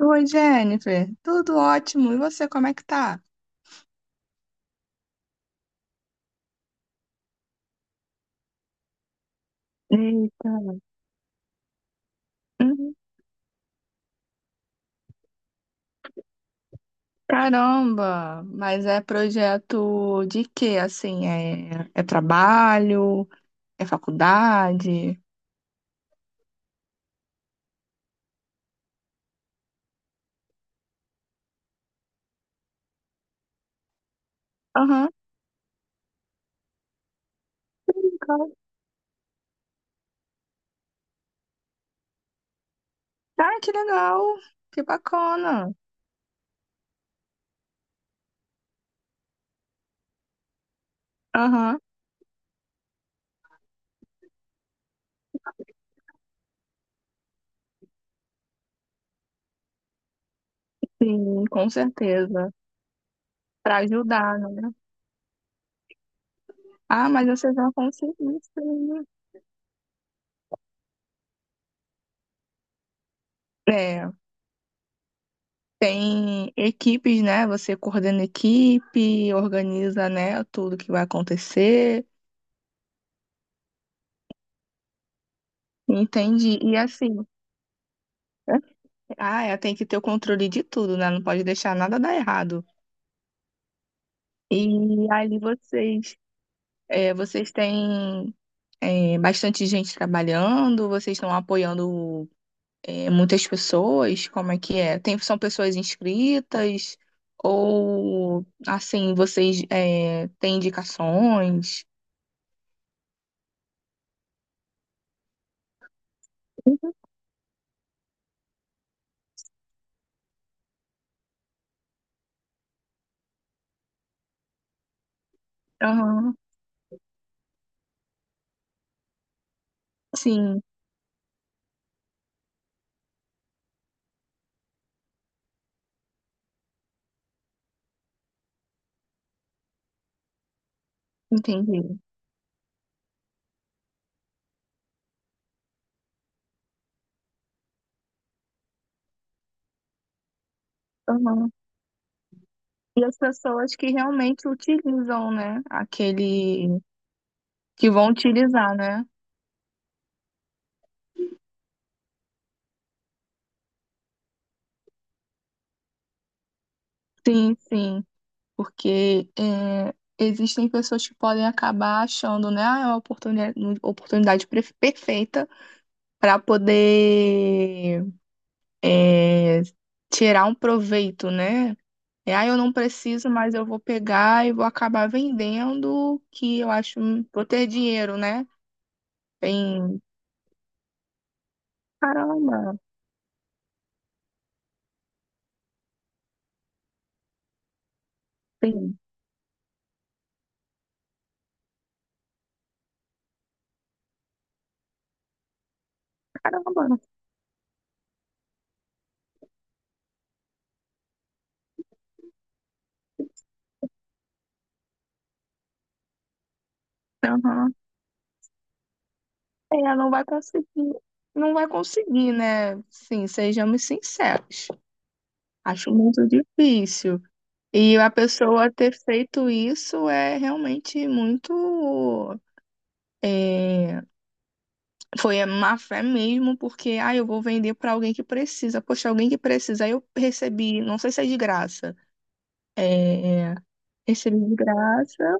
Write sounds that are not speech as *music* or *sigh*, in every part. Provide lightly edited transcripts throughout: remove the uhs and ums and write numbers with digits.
Oi, Jennifer. Tudo ótimo. E você, como é que tá? Eita. Uhum. Caramba! Mas é projeto de quê? Assim, é trabalho? É faculdade? Aham, legal. Ah, que legal! Que bacana! Aham, sim, com certeza. Pra ajudar, né? Ah, mas você já conseguiu, sim. É, tem equipes, né? Você coordena equipe, organiza, né, tudo que vai acontecer. Entendi. E assim, *laughs* né? Ah, ela tem que ter o controle de tudo, né? Não pode deixar nada dar errado. E ali vocês, é, vocês têm é, bastante gente trabalhando, vocês estão apoiando é, muitas pessoas, como é que é? Tem, são pessoas inscritas ou assim, vocês é, têm indicações? Aham, sim, entendi. Aham. E as pessoas que realmente utilizam, né, aquele que vão utilizar, né? Sim, sim, porque é, existem pessoas que podem acabar achando, né, ah, é uma oportunidade, oportunidade perfeita para poder é, tirar um proveito, né? É, ah, eu não preciso, mas eu vou pegar e vou acabar vendendo, que eu acho, vou ter dinheiro, né? Tem, caramba, tem, caramba, aham. Ela não vai conseguir, não vai conseguir, né? Sim, sejamos sinceros. Acho muito difícil. E a pessoa ter feito isso é realmente muito. É, foi a má fé mesmo, porque, ah, eu vou vender para alguém que precisa. Poxa, alguém que precisa. Aí eu recebi, não sei se é de graça. É, recebi de graça.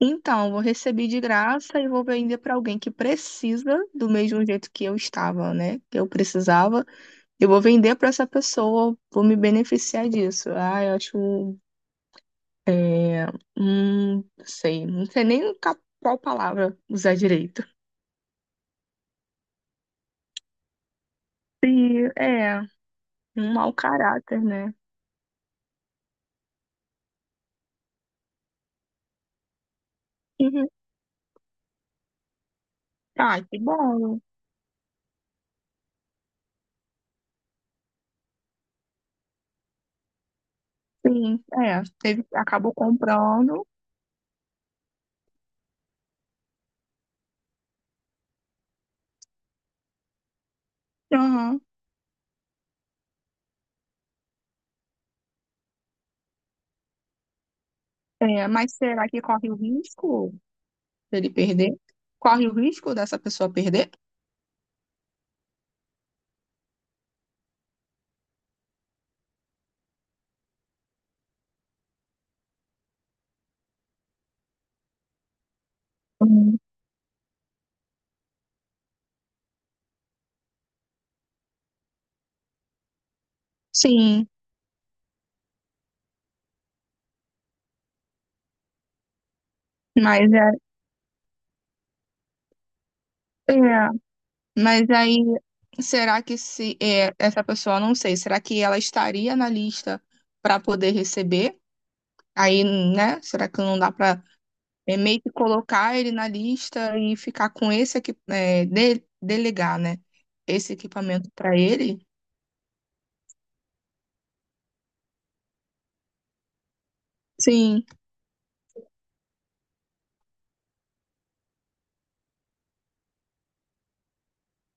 Então, vou receber de graça e vou vender para alguém que precisa, do mesmo jeito que eu estava, né? Que eu precisava. Eu vou vender para essa pessoa, vou me beneficiar disso. Ah, eu acho. É, não sei, não sei nem qual palavra usar direito. E, é, um mau caráter, né? Uhum. Ah, que bom. Sim, é. Teve, acabou comprando. Aham. É, mas será que corre o risco de ele perder? Corre o risco dessa pessoa perder? Hum. Sim, mas é, é, mas aí será que se é, essa pessoa, não sei, será que ela estaria na lista para poder receber? Aí, né? Será que não dá para meio que colocar ele na lista e ficar com esse aqui, é, delegar, né? Esse equipamento para ele? Sim.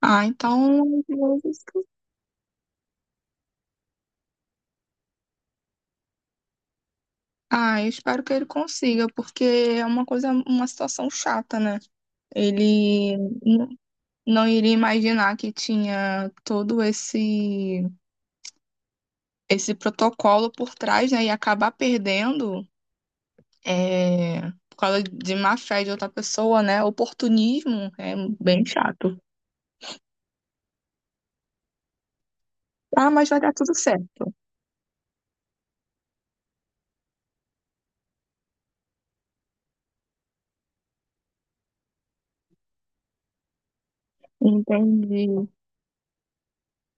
Ah, então, às vezes, ah, eu espero que ele consiga, porque é uma coisa, uma situação chata, né? Ele n- não iria imaginar que tinha todo esse esse protocolo por trás, né, e acabar perdendo é, por causa de má fé de outra pessoa, né? Oportunismo é bem chato. Ah, mas vai dar tudo certo. Entendi.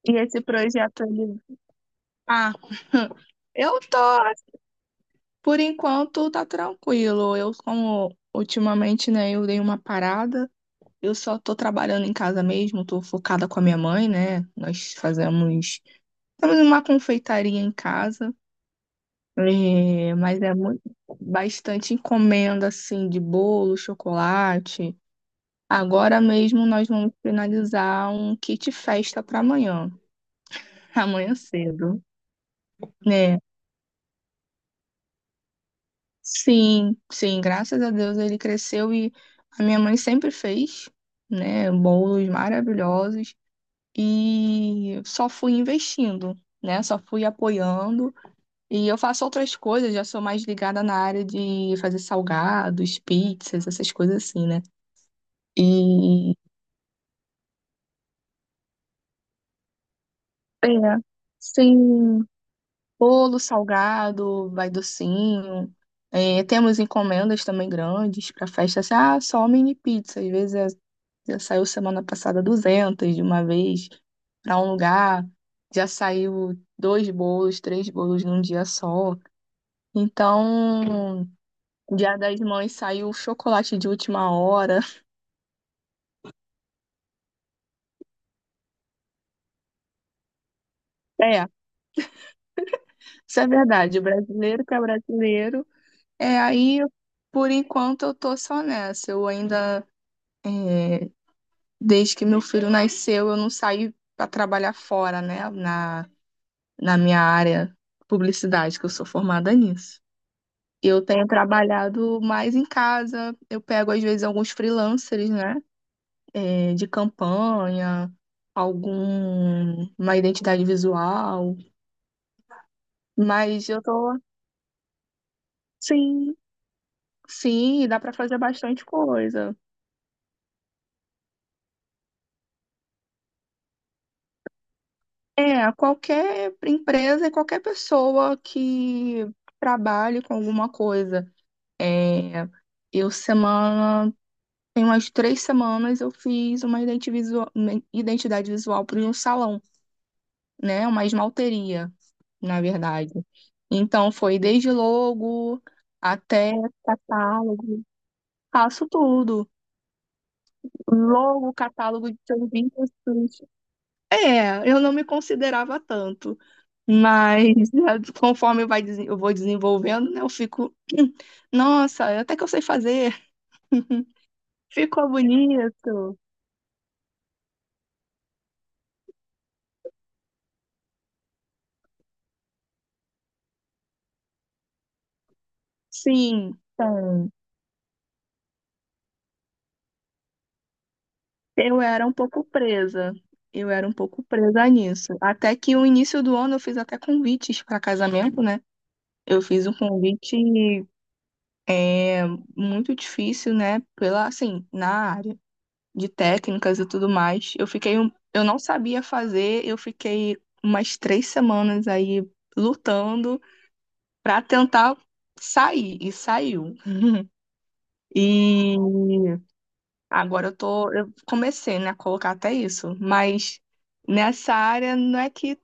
E esse projeto, ele... Ah, eu tô, por enquanto, tá tranquilo. Eu, como ultimamente, né, eu dei uma parada. Eu só tô trabalhando em casa mesmo, tô focada com a minha mãe, né? Nós fazemos, temos uma confeitaria em casa. É, mas é muito, bastante encomenda assim de bolo, chocolate. Agora mesmo nós vamos finalizar um kit festa para amanhã, *laughs* amanhã cedo, né? Sim, sim, graças a Deus ele cresceu e a minha mãe sempre fez, né, bolos maravilhosos e só fui investindo, né? Só fui apoiando e eu faço outras coisas, já sou mais ligada na área de fazer salgados, pizzas, essas coisas assim, né? E é, sim, bolo salgado, vai docinho. É, temos encomendas também grandes para festa, assim, ah, só mini pizza. Às vezes é, já saiu semana passada 200 de uma vez para um lugar, já saiu dois bolos, três bolos num dia só. Então, Dia das Mães saiu chocolate de última hora. *laughs* É, isso é verdade. O brasileiro que é brasileiro. É, aí, por enquanto, eu tô só nessa. Eu ainda, é, desde que meu filho nasceu, eu não saí para trabalhar fora, né? Na, na minha área publicidade, que eu sou formada nisso. Eu tenho trabalhado mais em casa. Eu pego, às vezes, alguns freelancers, né? É, de campanha, algum uma identidade visual. Mas eu tô. Sim, sim, dá para fazer bastante coisa. É, a qualquer empresa e qualquer pessoa que trabalhe com alguma coisa. É, eu semana, tem umas 3 semanas eu fiz uma identidade visual para um salão, né? Uma esmalteria, na verdade. Então foi desde logo até catálogo. Faço tudo. Logo, catálogo de serviços. É, eu não me considerava tanto. Mas *laughs* conforme vai, eu vou desenvolvendo, né, eu fico, *clears throat* nossa, até que eu sei fazer, *laughs* ficou bonito. Sim, então, eu era um pouco presa. Eu era um pouco presa nisso. Até que no início do ano eu fiz até convites para casamento, né? Eu fiz um convite é, muito difícil, né? Pela, assim, na área de técnicas e tudo mais. Eu fiquei, eu não sabia fazer, eu fiquei umas 3 semanas aí lutando para tentar sair e saiu. *laughs* E agora eu tô, eu comecei, né, a colocar até isso, mas nessa área não é que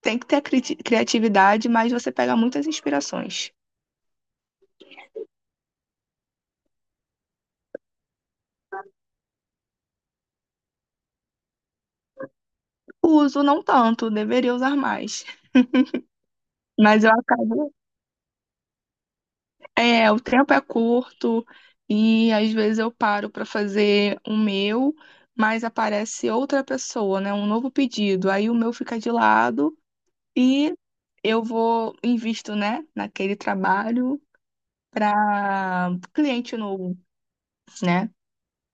tem que ter criatividade, mas você pega muitas inspirações. Uso não tanto, deveria usar mais, mas eu acabo é, o tempo é curto e às vezes eu paro para fazer o meu, mas aparece outra pessoa, né? Um novo pedido. Aí o meu fica de lado e eu vou, invisto, né, naquele trabalho para cliente novo, né?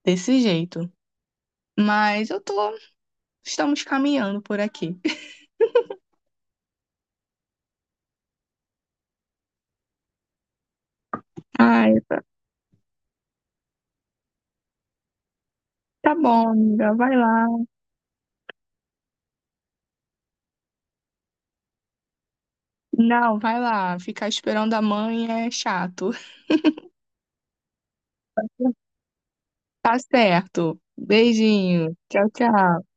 Desse jeito. Mas eu tô, estamos caminhando por aqui. Ai, tá bom, amiga, vai lá. Não, vai lá. Ficar esperando a mãe é chato. Tá certo. Beijinho. Tchau, tchau.